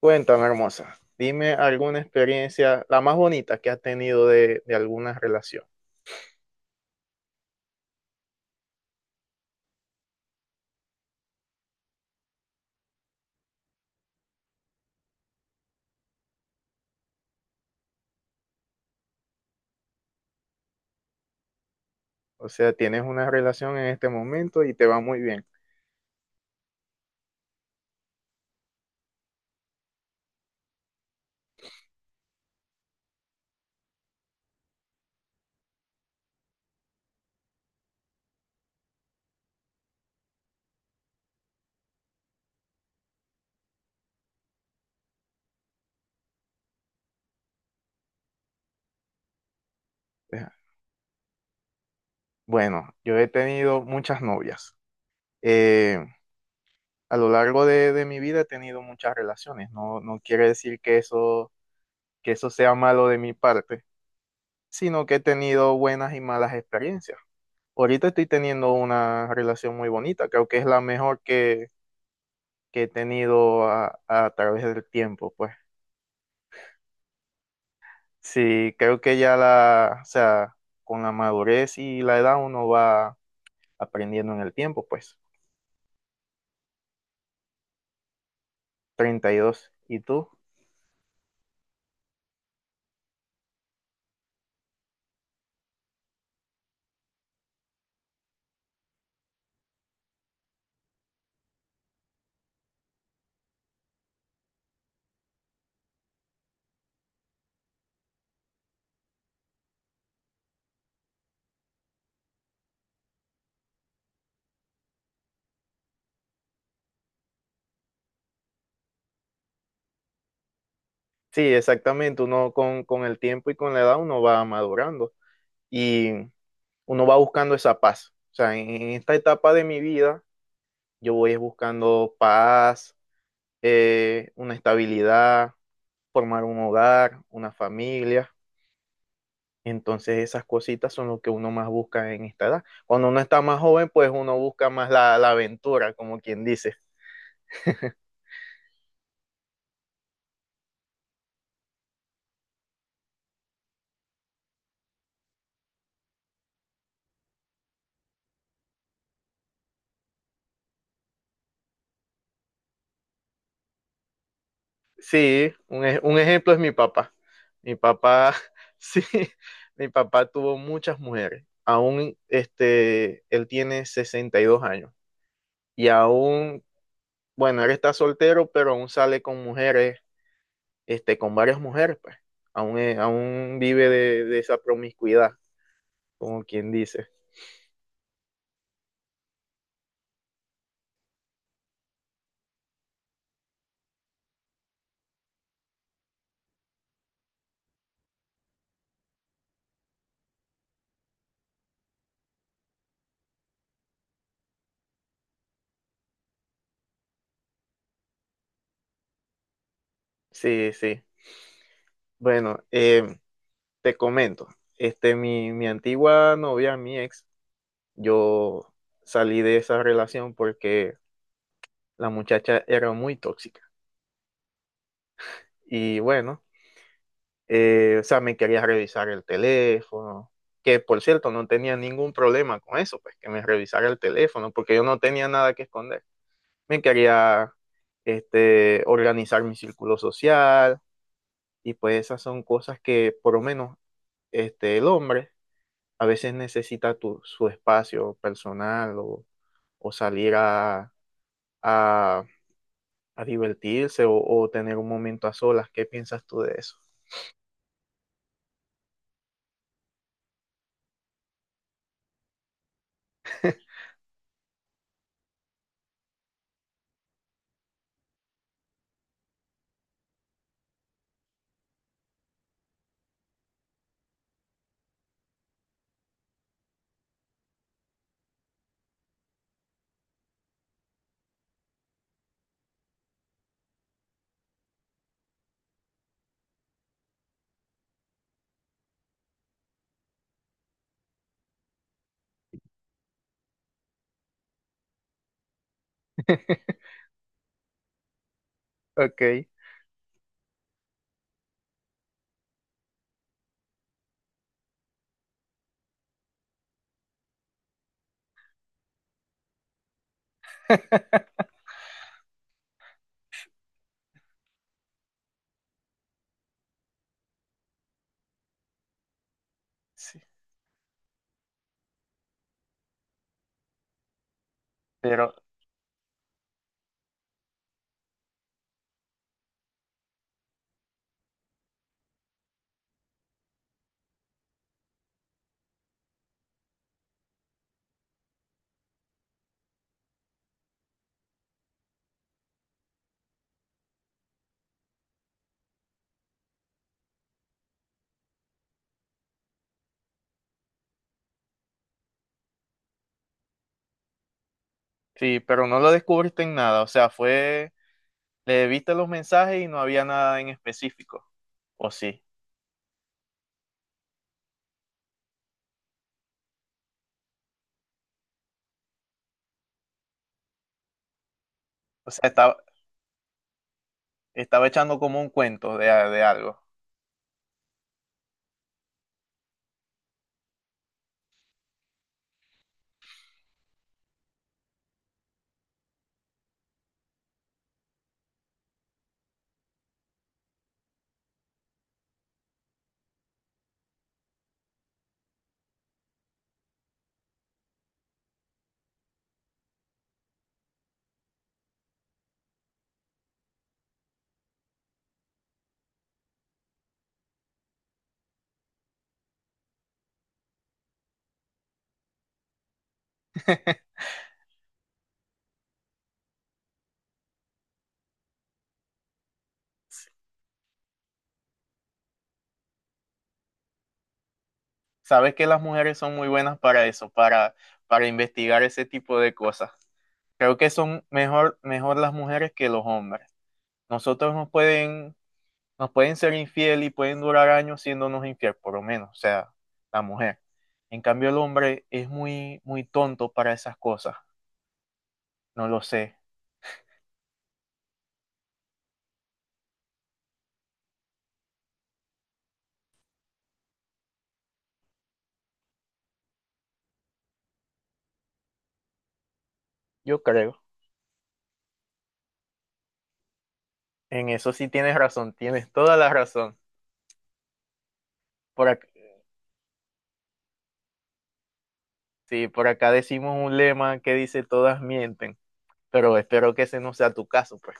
Cuéntame, hermosa, dime alguna experiencia, la más bonita que has tenido de alguna relación. O sea, tienes una relación en este momento y te va muy bien. Eh, Bueno, yo he tenido muchas novias. Eh, a lo largo de mi vida he tenido muchas relaciones. No, no quiere decir que eso sea malo de mi parte, sino que he tenido buenas y malas experiencias. Ahorita estoy teniendo una relación muy bonita, creo que es la mejor que he tenido a través del tiempo, pues. Sí, creo que ya o sea, con la madurez y la edad uno va aprendiendo en el tiempo, pues. 32. ¿Y dos? ¿Y tú? Sí, exactamente. Uno con el tiempo y con la edad uno va madurando y uno va buscando esa paz. O sea, en esta etapa de mi vida yo voy es buscando paz, una estabilidad, formar un hogar, una familia. Entonces esas cositas son lo que uno más busca en esta edad. Cuando uno está más joven, pues uno busca más la aventura, como quien dice. Sí, un ejemplo es mi papá. Mi papá, sí, mi papá tuvo muchas mujeres. Aún, este, él tiene 62 años y aún, bueno, él está soltero, pero aún sale con mujeres, este, con varias mujeres, pues. Aún vive de esa promiscuidad, como quien dice. Sí, sí. Bueno, te comento, este, mi antigua novia, mi ex, yo salí de esa relación porque la muchacha era muy tóxica. Y bueno, o sea, me quería revisar el teléfono, que por cierto no tenía ningún problema con eso, pues que me revisara el teléfono, porque yo no tenía nada que esconder. Me quería este, organizar mi círculo social y pues esas son cosas que por lo menos este, el hombre a veces necesita su espacio personal o salir a- a divertirse o tener un momento a solas. ¿Qué piensas tú de eso? Ok. Sí, pero sí, pero no lo descubriste en nada, o sea, fue, le viste los mensajes y no había nada en específico, o sí, o sea, estaba, estaba echando como un cuento de algo. Sabes que las mujeres son muy buenas para eso, para investigar ese tipo de cosas. Creo que son mejor, mejor las mujeres que los hombres. Nosotros nos pueden ser infiel y pueden durar años siéndonos infiel, por lo menos, o sea, la mujer. En cambio, el hombre es muy, muy tonto para esas cosas. No lo sé. Yo creo. En eso sí tienes razón, tienes toda la razón. Por acá, sí, por acá decimos un lema que dice todas mienten, pero espero que ese no sea tu caso, pues.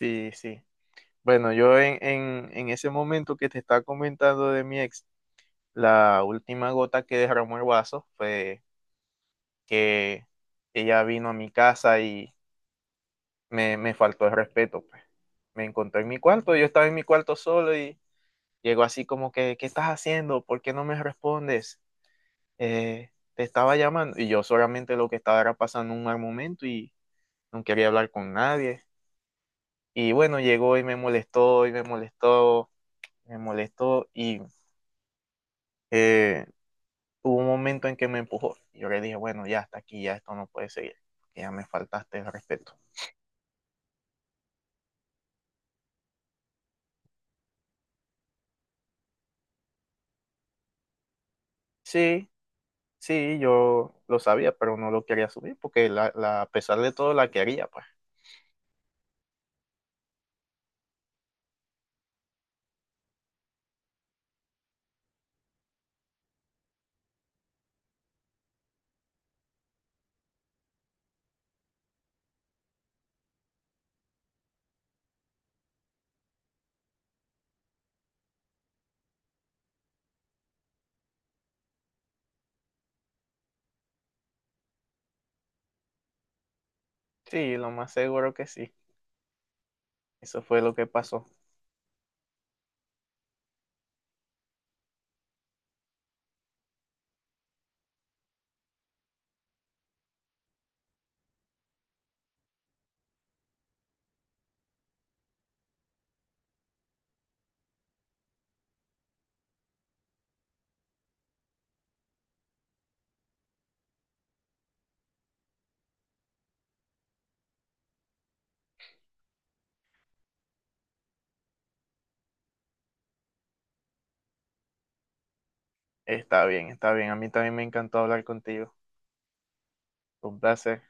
Sí, sí. Bueno, yo en ese momento que te estaba comentando de mi ex, la última gota que derramó el vaso fue que ella vino a mi casa y me faltó el respeto, pues. Me encontró en mi cuarto, yo estaba en mi cuarto solo y llegó así como que, ¿qué estás haciendo? ¿Por qué no me respondes? Te estaba llamando y yo solamente lo que estaba era pasando un mal momento y no quería hablar con nadie. Y bueno, llegó y me molestó y... eh, hubo un momento en que me empujó. Yo le dije, bueno, ya hasta aquí, ya esto no puede seguir, que ya me faltaste el respeto. Sí, sí, yo lo sabía, pero no lo quería subir porque a pesar de todo la quería, pues. Sí, lo más seguro que sí. Eso fue lo que pasó. Está bien, está bien. A mí también me encantó hablar contigo. Un placer.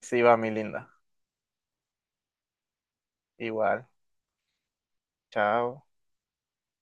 Sí, va, mi linda. Igual. Chao.